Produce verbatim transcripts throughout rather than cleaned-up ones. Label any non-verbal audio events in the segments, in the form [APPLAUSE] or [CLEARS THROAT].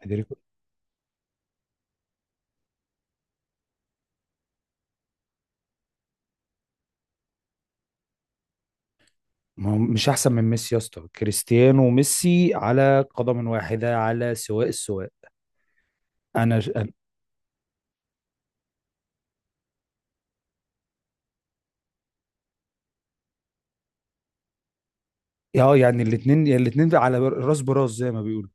فيدريكو، ما هو مش احسن من ميسي يا اسطى. كريستيانو وميسي على قدم واحده، على سواء السواء. انا ش- أنا- اه، يعني الاثنين الاثنين على راس براس زي ما بيقولوا.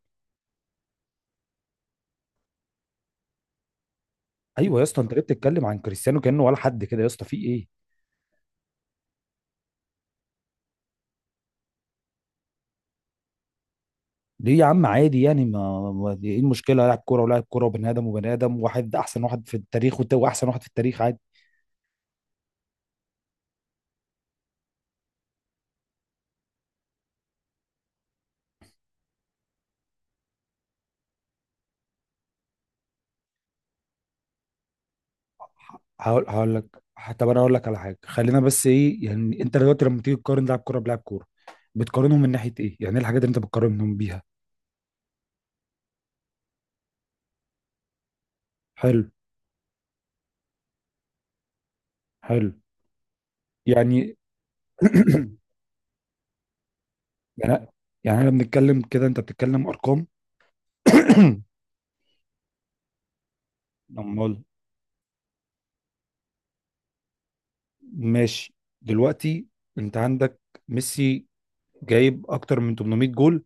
ايوه يا اسطى، انت ليه بتتكلم عن كريستيانو كانه ولا حد كده يا اسطى؟ في ايه؟ ليه يا عم؟ عادي يعني. ما ما- ايه المشكله؟ لاعب كوره ولاعب كوره، وبني ادم وبني ادم. واحد احسن واحد في التاريخ، والت- واحسن واحد في التاريخ، عادي. هقول هقول لك. طب انا هقول لك على حاجه. خلينا بس، ايه يعني انت دلوقتي لما تيجي تقارن لاعب كوره بلاعب كوره، بتقارنهم من ناحيه ايه؟ يعني ايه الحاجات اللي انت بتقارنهم بيها؟ حلو. حلو. يعني. [CLEARS THROAT] يعني يعني احنا بنتكلم كده، انت بتتكلم ارقام. [CLEARS THROAT] امال. ماشي. دلوقتي انت عندك ميسي جايب اكتر من ثمانمائة جول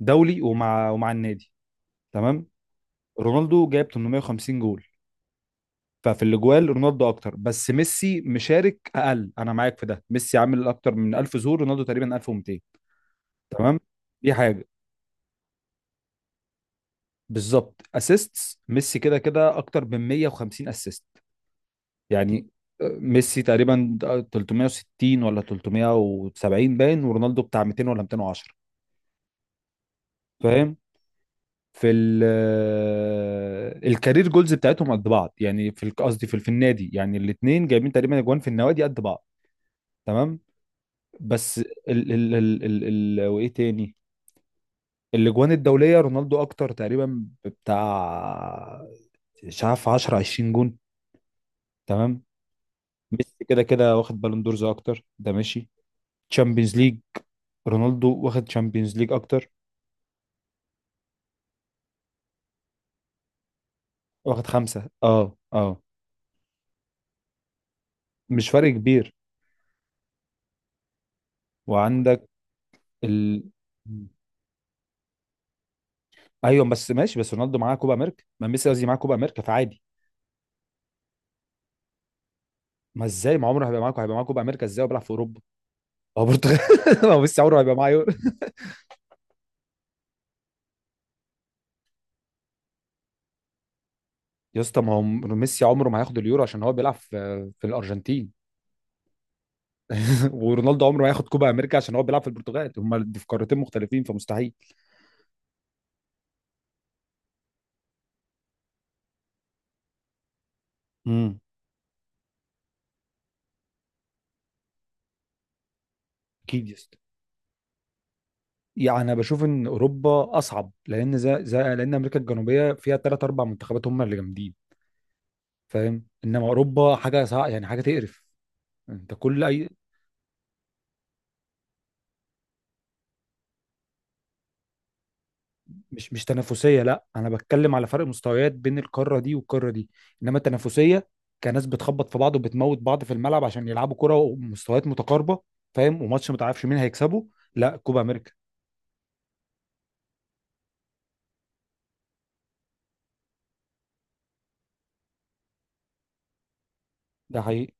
دولي، ومع ومع النادي، تمام. رونالدو جايب ثمانمائة وخمسين جول. ففي الاجوال رونالدو اكتر، بس ميسي مشارك اقل، انا معاك في ده. ميسي عامل اكتر من ألف ظهور، رونالدو تقريبا ألف ومئتين، تمام. دي حاجه. بالظبط، اسيستس ميسي كده كده اكتر من مية وخمسين اسيست، يعني. آه، ميسي تقريبا ثلاثمائة وستين ولا ثلاثمائة وسبعين باين، ورونالدو بتاع ميتين ولا مئتين وعشرة، فاهم. في ال آه، الكارير جولز بتاعتهم قد بعض، يعني في الك- قصدي في في النادي، يعني الاثنين جايبين تقريبا اجوان في النوادي قد بعض، تمام. بس ال ال ال ال ال وايه تاني، الاجوان الدوليه رونالدو اكتر تقريبا بتاع، مش عارف، عشرة عشرين جون، تمام. ميسي كده كده واخد بالون دورز اكتر، ده ماشي. تشامبيونز ليج، رونالدو واخد تشامبيونز ليج اكتر. واخد خمسة، اه اه. مش فرق كبير. وعندك ال... ايوه بس ماشي، بس رونالدو معاه كوبا امريكا، ما ميسي قصدي معاه كوبا امريكا، فعادي. ما ازاي، ما عمره هيبقى معاه، هيبقى معاه كوبا امريكا ازاي وبيلعب في اوروبا؟ هو برتغال. [LAUGHS] ما هو ميسي عمره هيبقى معاه يورو. يا اسطى، ما هو ميسي عمره ما هياخد اليورو عشان هو بيلعب في في الارجنتين. [LAUGHS] ورونالدو عمره ما هياخد كوبا امريكا عشان هو بيلعب في البرتغال. هما دي في قارتين مختلفين فمستحيل. امم. اكيد يا اسطى. يعني انا بشوف ان اوروبا اصعب، لان زي زي لان امريكا الجنوبيه فيها ثلاث اربع منتخبات هم اللي جامدين، فاهم. انما اوروبا حاجه صع... يعني حاجه تقرف. انت كل اي. مش مش تنافسيه، لا. انا بتكلم على فرق مستويات بين القاره دي والقاره دي. انما التنافسيه كناس بتخبط في بعض، وبتموت بعض في الملعب عشان يلعبوا كره، ومستويات متقاربه، فاهم، وماتش ما تعرفش مين هيكسبه، لا كوبا امريكا. ده حقيقي.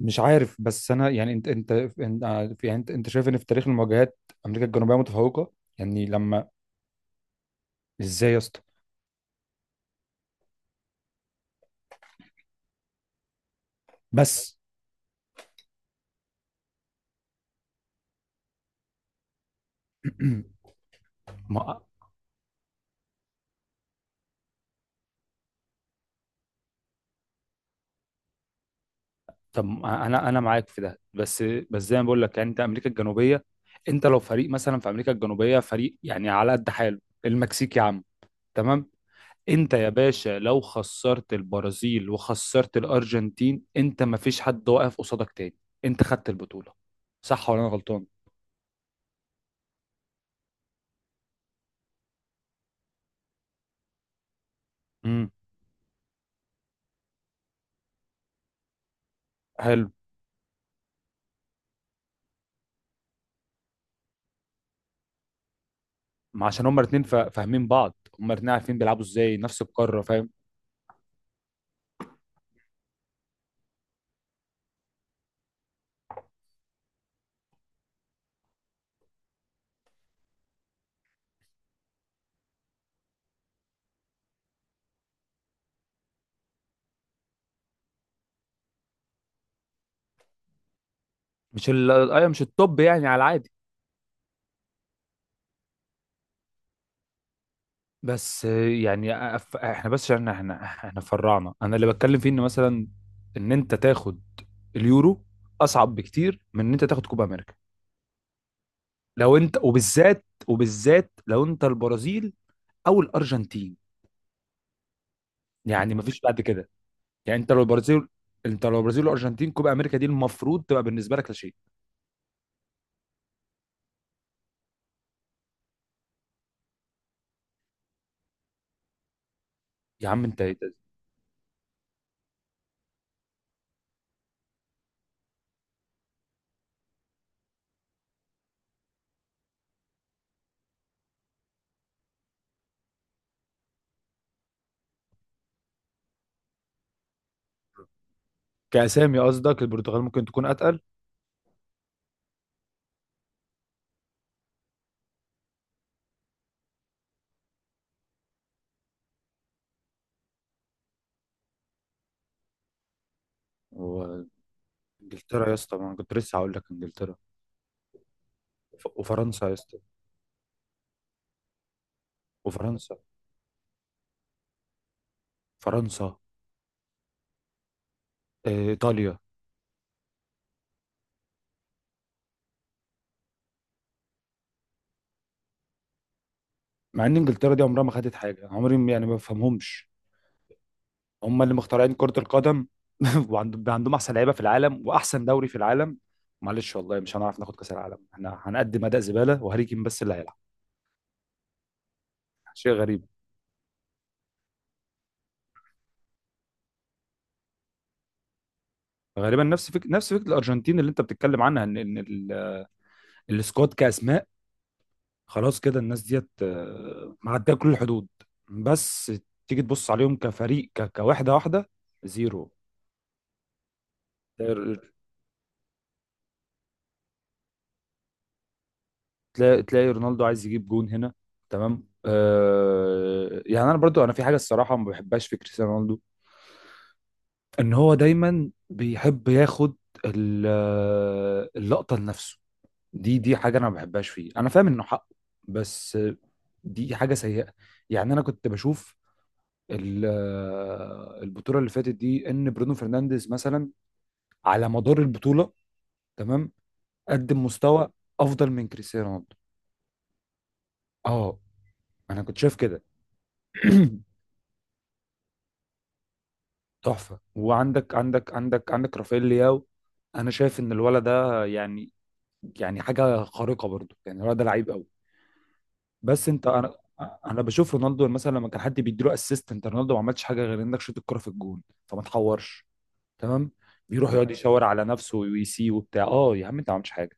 مش عارف، بس انا يعني، انت انت انت يعني، انت انت شايف ان في تاريخ المواجهات امريكا الجنوبيه متفوقه؟ يعني لما. ازاي يا اسطى؟ بس. [CLEARS THROAT] ما طب ما انا انا معاك في ده، بس بس زي ما بقول لك، يعني انت امريكا الجنوبيه، انت لو فريق مثلا في امريكا الجنوبيه، فريق يعني على قد حاله، المكسيك يا عم، تمام. انت يا باشا لو خسرت البرازيل وخسرت الارجنتين، انت ما فيش حد واقف قصادك تاني، انت خدت البطوله. صح ولا انا غلطان؟ امم. حلو. ما عشان هما الاثنين فاهمين بعض، هما الاثنين عارفين بيلعبوا ازاي، نفس القاره، فاهم. مش ال... أيوة، مش التوب يعني، على العادي. بس آه، يعني أف- احنا بس عشان احنا احنا فرعنا، انا اللي بتكلم فيه ان مثلا، ان انت تاخد اليورو اصعب بكتير من ان انت تاخد كوبا امريكا، لو انت، وبالذات وبالذات لو انت البرازيل او الارجنتين، يعني مم. مفيش بعد كده. يعني انت لو البرازيل، انت لو البرازيل والارجنتين، كوبا امريكا دي المفروض تبقى بالنسبه لك لا شيء. يا عم انت إيه ده؟ كاسامي قصدك البرتغال ممكن تكون اتقل. وانجلترا. يا اسطى ما أنا كنت لسه هقول لك انجلترا، وف- وفرنسا يا اسطى. وفرنسا. فرنسا. آه، ايطاليا. مع ان انجلترا دي عمرها ما خدت حاجه، عمري ما- يعني ما بفهمهمش. هم اللي مخترعين كره القدم. [LAUGHS] وعندهم عندهم احسن لعيبه في العالم، واحسن دوري في العالم. معلش، والله مش هنعرف ناخد كاس العالم. احنا هنقدم اداء زباله، وهاري كين بس اللي هيلعب. شيء غريب. غالبا نفس فكره، نفس فكره الارجنتين اللي انت بتتكلم عنها، ان ان ال- السكواد كاسماء، خلاص كده، الناس ديت آه، معديه كل الحدود. بس تيجي تبص عليهم كفريق، ك- كوحده واحده، زيرو. تلاقي تلاقي رونالدو عايز يجيب جون هنا. تمام. آه يعني انا برضو، انا في حاجه الصراحه ما بحبهاش في كريستيانو رونالدو، ان هو دايما بيحب ياخد ال- آه، اللقطه لنفسه. دي دي حاجه انا ما بحبهاش فيه، انا فاهم انه حقه، بس آه، دي حاجه سيئه. يعني انا كنت بشوف ال- آه، البطوله اللي فاتت دي، ان برونو فرنانديز مثلا على مدار البطوله، تمام، قدم مستوى افضل من كريستيانو رونالدو. اه، انا كنت شايف كده. [CLEARS THROAT] تحفه. وعندك عندك عندك عندك رافائيل لياو. انا شايف ان الولد ده يعني، يعني حاجه خارقه برضو، يعني الولد ده لعيب قوي. بس انت انا انا بشوف رونالدو مثلا، لما كان حد بيديله اسيست، انت رونالدو ما عملش حاجه غير انك شوت الكره في الجون، فما تحورش، تمام. بيروح يقعد يشاور على نفسه ويسي وبتاع، اه يا عم انت ما عملتش حاجه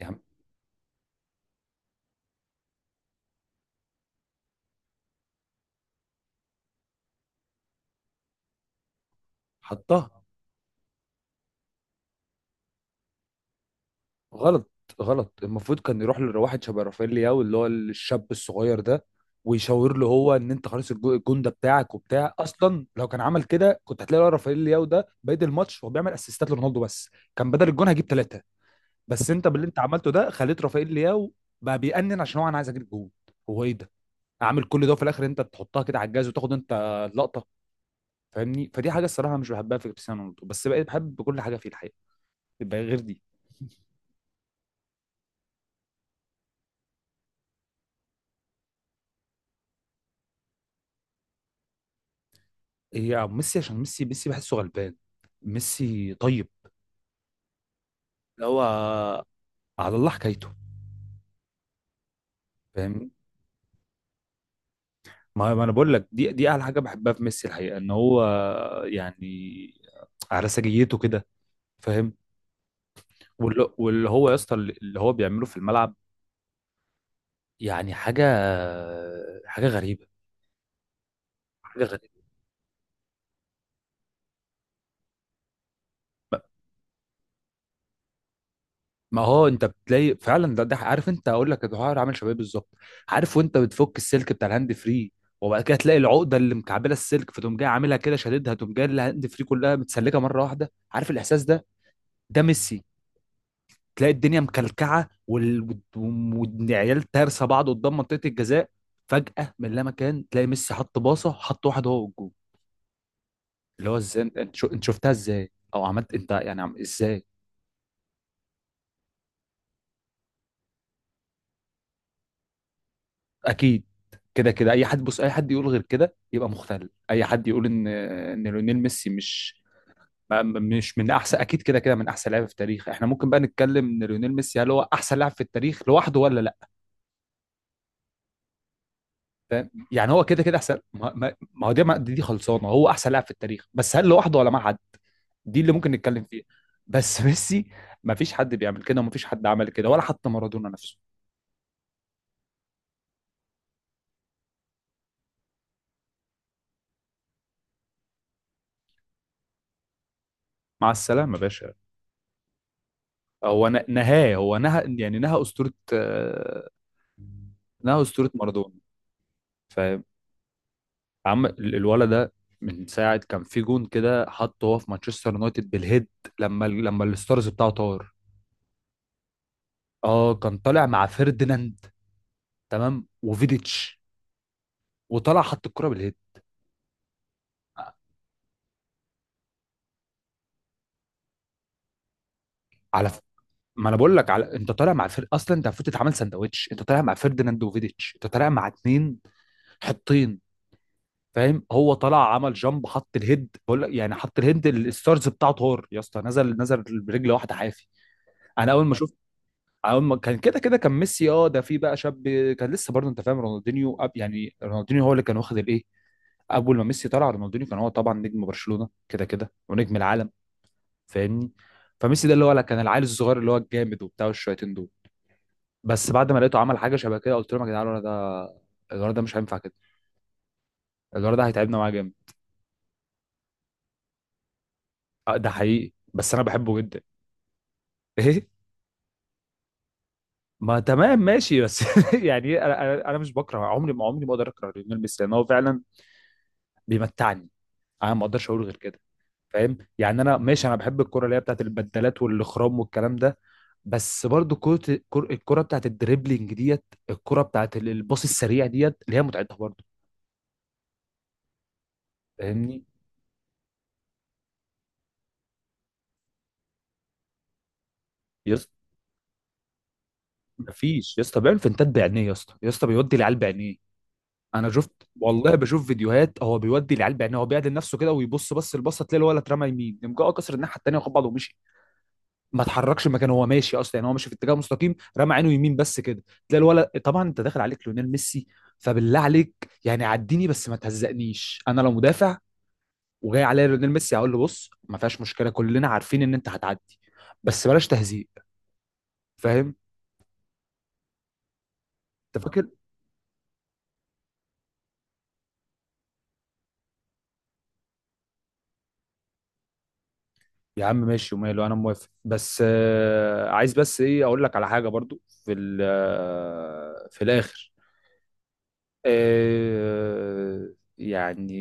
يا عم. حطها. غلط. غلط، المفروض كان يروح لواحد شبه رافائيل لياو، اللي هو الشاب الصغير ده، ويشاور له هو ان انت خلاص، الجو- الجون ده بتاعك، وبتاع. اصلا لو كان عمل كده، كنت هتلاقي الواد رافائيل لياو ده بادئ الماتش، هو بيعمل اسيستات لرونالدو بس، كان بدل الجون هجيب ثلاثه. بس انت باللي انت عملته ده خليت رافائيل لياو بقى بيأنن، عشان هو انا عايز اجيب جون. هو ايه ده؟ عامل كل ده، وفي الاخر انت بتحطها كده على الجهاز وتاخد انت اللقطه، فاهمني. فدي حاجه الصراحه مش بحبها في كريستيانو رونالدو، بس بقيت بحب كل حاجه فيه الحقيقه، يبقى غير دي. هي ميسي، عشان ميسي، ميسي بحسه غلبان، ميسي طيب، اللي هو على الله حكايته، فاهمني. ما ما انا بقول لك، دي دي اعلى حاجه بحبها في ميسي الحقيقه، ان هو يعني على سجيته كده، فاهم. واللي واللي هو يا اسطى، اللي هو بيعمله في الملعب، يعني حاجه، حاجه غريبه. حاجه غريبه. ما هو انت بتلاقي فعلا ده، ده عارف، انت هقول لك الحوار عامل شباب بالظبط، عارف، وانت بتفك السلك بتاع الهاند فري، وبعد كده تلاقي العقده اللي مكعبله السلك، فتقوم جاي عاملها كده شاددها، تقوم جاي الهاند فري كلها متسلكه مره واحده، عارف الاحساس ده؟ ده ميسي. تلاقي الدنيا مكلكعه، وال- والعيال تارسه بعض قدام منطقه الجزاء، فجاه من لا مكان تلاقي ميسي حط باصه، حط واحد هو والجول، اللي هو ازاي؟ انت انت شو- انت شفتها ازاي او عملت انت يعني عم ازاي؟ اكيد. كده كده، اي حد بص، اي حد يقول غير كده يبقى مختل. اي حد يقول ان ان ليونيل ميسي مش ما- مش من احسن، اكيد كده كده من احسن لاعب في التاريخ. احنا ممكن بقى نتكلم ان ليونيل ميسي هل هو احسن لاعب في التاريخ لوحده ولا لا، فاهم. يعني هو كده كده احسن. ما ما ما هو دي ما- دي دي خلصانه، هو احسن لاعب في التاريخ، بس هل لوحده ولا مع حد؟ دي اللي ممكن نتكلم فيها. بس [LAUGHS] ميسي، ما فيش حد بيعمل كده، وما فيش حد عمل كده ولا حتى مارادونا نفسه. مع السلامه يا باشا. هو ن- نهاه، هو نهى يعني، نهى اسطوره، آه، انها اسطوره مارادونا، فاهم. عم ال- الولد ده، من ساعه كان في جون كده حطه هو في مانشستر يونايتد بالهيد، لما ال- لما الستارز بتاعه طار. اه، كان طالع مع فيرديناند، تمام، وفيديتش، وطلع حط الكره بالهيد. على ف... ما انا بقول لك على، انت طالع مع فر... اصلا انت المفروض تتعامل سندوتش، انت طالع مع فيرديناند وفيديتش، انت طالع مع اتنين حطين، فاهم. هو طلع عمل جامب، حط الهيد، بقول لك يعني، حط الهيد، ال- الستارز بتاعه طار يا اسطى. نزل، نزل برجل واحده حافي. انا اول ما، أول ما كان كده كده كان ميسي. اه ده في بقى شاب، كان لسه برضه، انت فاهم، رونالدينيو أب يعني. رونالدينيو هو اللي كان واخد الايه، اول ما ميسي طلع رونالدينيو كان هو طبعا نجم برشلونة كده كده ونجم العالم، فاهمني. فميسي ده اللي هو لا، كان العيل الصغير اللي هو الجامد وبتاع والشويتين دول، بس بعد ما لقيته عمل حاجة شبه كده، قلت لهم يا جدعان الولد ده، الولد ده مش هينفع كده، الولد ده هيتعبنا معاه جامد. آه، ده حقيقي، بس انا بحبه جدا. [LAUGHS] ايه. ما تمام ماشي، بس [LAUGHS] يعني إيه، انا انا أنا مش بكره، عمري ما عمري ما اقدر اكره ليونيل ميسي، لان هو فعلا بيمتعني. انا ما اقدرش اقول غير كده، فاهم. يعني انا ماشي، انا بحب الكرة اللي هي بتاعت البدلات والاخرام والكلام ده، بس برضو كرة الكر- الكرة بتاعت الدريبلينج ديت، الكرة بتاعت ال- الباص السريع ديت، اللي هي متعتها برضو، فاهمني. يا اسطى مفيش، يا اسطى بيعمل فنتات بعينيه يا اسطى، يا اسطى بيودي العيال بعينيه. انا شفت والله، بشوف فيديوهات، هو بيودي العيال بعينيه، هو بيعدل نفسه كده ويبص، بس البصه تلاقي الولد اترمى يمين، يقوم جاي كسر الناحيه التانيه وخد بعضه ومشي. ما اتحركش مكانه، هو ماشي اصلا يعني، هو ماشي في اتجاه مستقيم، رمى عينه يمين بس كده، تلاقي الولد طبعا. انت داخل عليك ليونيل ميسي، فبالله عليك، يعني عديني بس ما تهزقنيش. انا لو مدافع وجاي عليا ليونيل ميسي، هقول له بص ما فيهاش مشكله، كلنا عارفين ان انت هتعدي، بس بلاش تهزيق، فاهم. انت فاكر. يا عم ماشي وماله انا موافق، بس آه عايز بس ايه اقول لك على حاجه برضو في ال- آه، في الاخر. آه. يعني،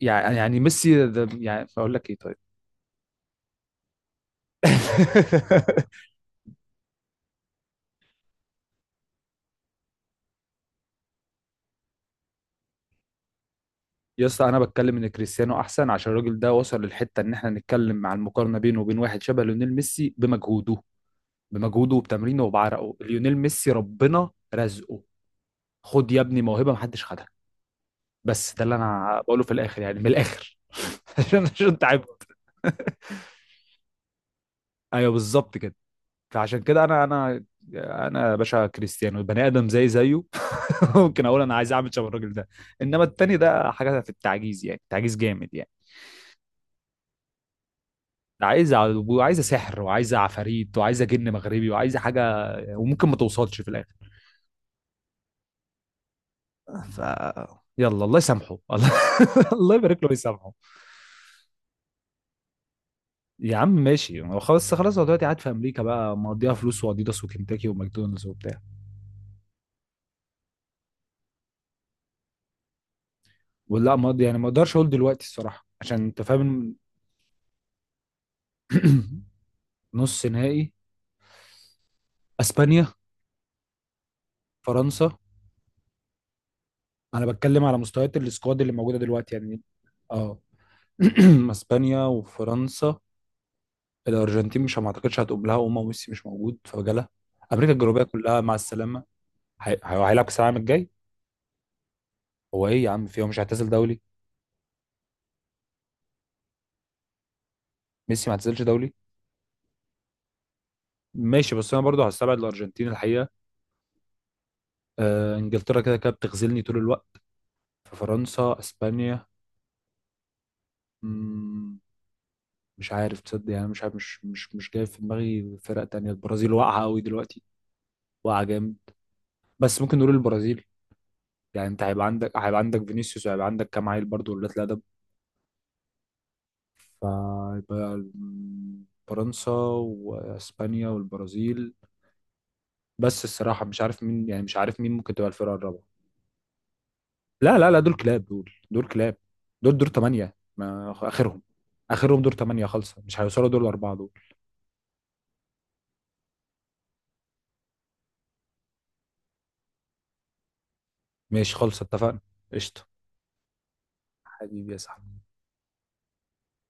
يعني يعني ميسي ده- يعني اقول لك ايه طيب. [LAUGHS] [APPLAUSE] يا اسطى، انا بتكلم ان كريستيانو احسن عشان الراجل ده وصل للحته ان احنا نتكلم عن المقارنه بينه وبين واحد شبه ليونيل ميسي بمجهوده، بمجهوده وبتمرينه وبعرقه. ليونيل ميسي ربنا رزقه، خد يا ابني موهبه محدش خدها. بس ده اللي انا بقوله في الاخر، يعني من الاخر. [LAUGHS] عشان عشان تعبت. [LAUGHS] ايوه بالظبط كده. فعشان كده انا انا انا يا باشا كريستيانو بني ادم زي زيه. [LAUGHS] ممكن اقول انا عايز اعمل شبه الراجل ده، انما التاني ده حاجه في التعجيز، يعني تعجيز جامد يعني. عايزه ع- وعايزه سحر وعايزه عفاريت وعايزه جن مغربي وعايزه حاجه، وممكن ما توصلش في الاخر. ف. يلا الله يسامحه. [LAUGHS] الله، الله يبارك له ويسامحه. يا عم ماشي، هو خلاص، خلاص هو دلوقتي قاعد في امريكا بقى مقضيها فلوس واديداس وكنتاكي وماكدونالدز وبتاع. ولا مقضي يعني، ما اقدرش اقول دلوقتي الصراحه عشان انت فاهم. [CLEARS THROAT] نص نهائي. اسبانيا. فرنسا. انا بتكلم على مستويات السكواد اللي موجوده دلوقتي يعني. اه. [CLEARS THROAT] اسبانيا وفرنسا. الارجنتين مش، ما اعتقدش هتقوم لها، وما ميسي مش موجود فجاله، امريكا الجنوبيه كلها مع السلامه. هي- هي- هيلعب كاس العالم الجاي. هو ايه يا عم؟ في، هو مش هيعتزل دولي؟ ميسي ما اعتزلش دولي. ماشي، بس انا برضه هستبعد الارجنتين الحقيقه. آه انجلترا كده كده بتغزلني طول الوقت. ففرنسا، اسبانيا. مم، مش عارف تصدق يعني، مش عارف، مش مش مش جاي في دماغي فرق تانية. البرازيل واقعه قوي دلوقتي، واقعه جامد. بس ممكن نقول البرازيل، يعني انت هيبقى عندك، هيبقى عندك فينيسيوس وهيبقى عندك كام عيل برضه ولاد الادب. فيبقى فرنسا واسبانيا والبرازيل. بس الصراحه مش عارف مين يعني، مش عارف مين ممكن تبقى الفرقه الرابعه. لا لا لا، دول كلاب، دول دول كلاب، دول دور ثمانيه ما اخرهم. اخرهم دور ثمانيه خالصه، مش هيوصلوا دور الاربعه دول. ماشي خالصه، اتفقنا. قشطه. حبيبي يا صاحبي.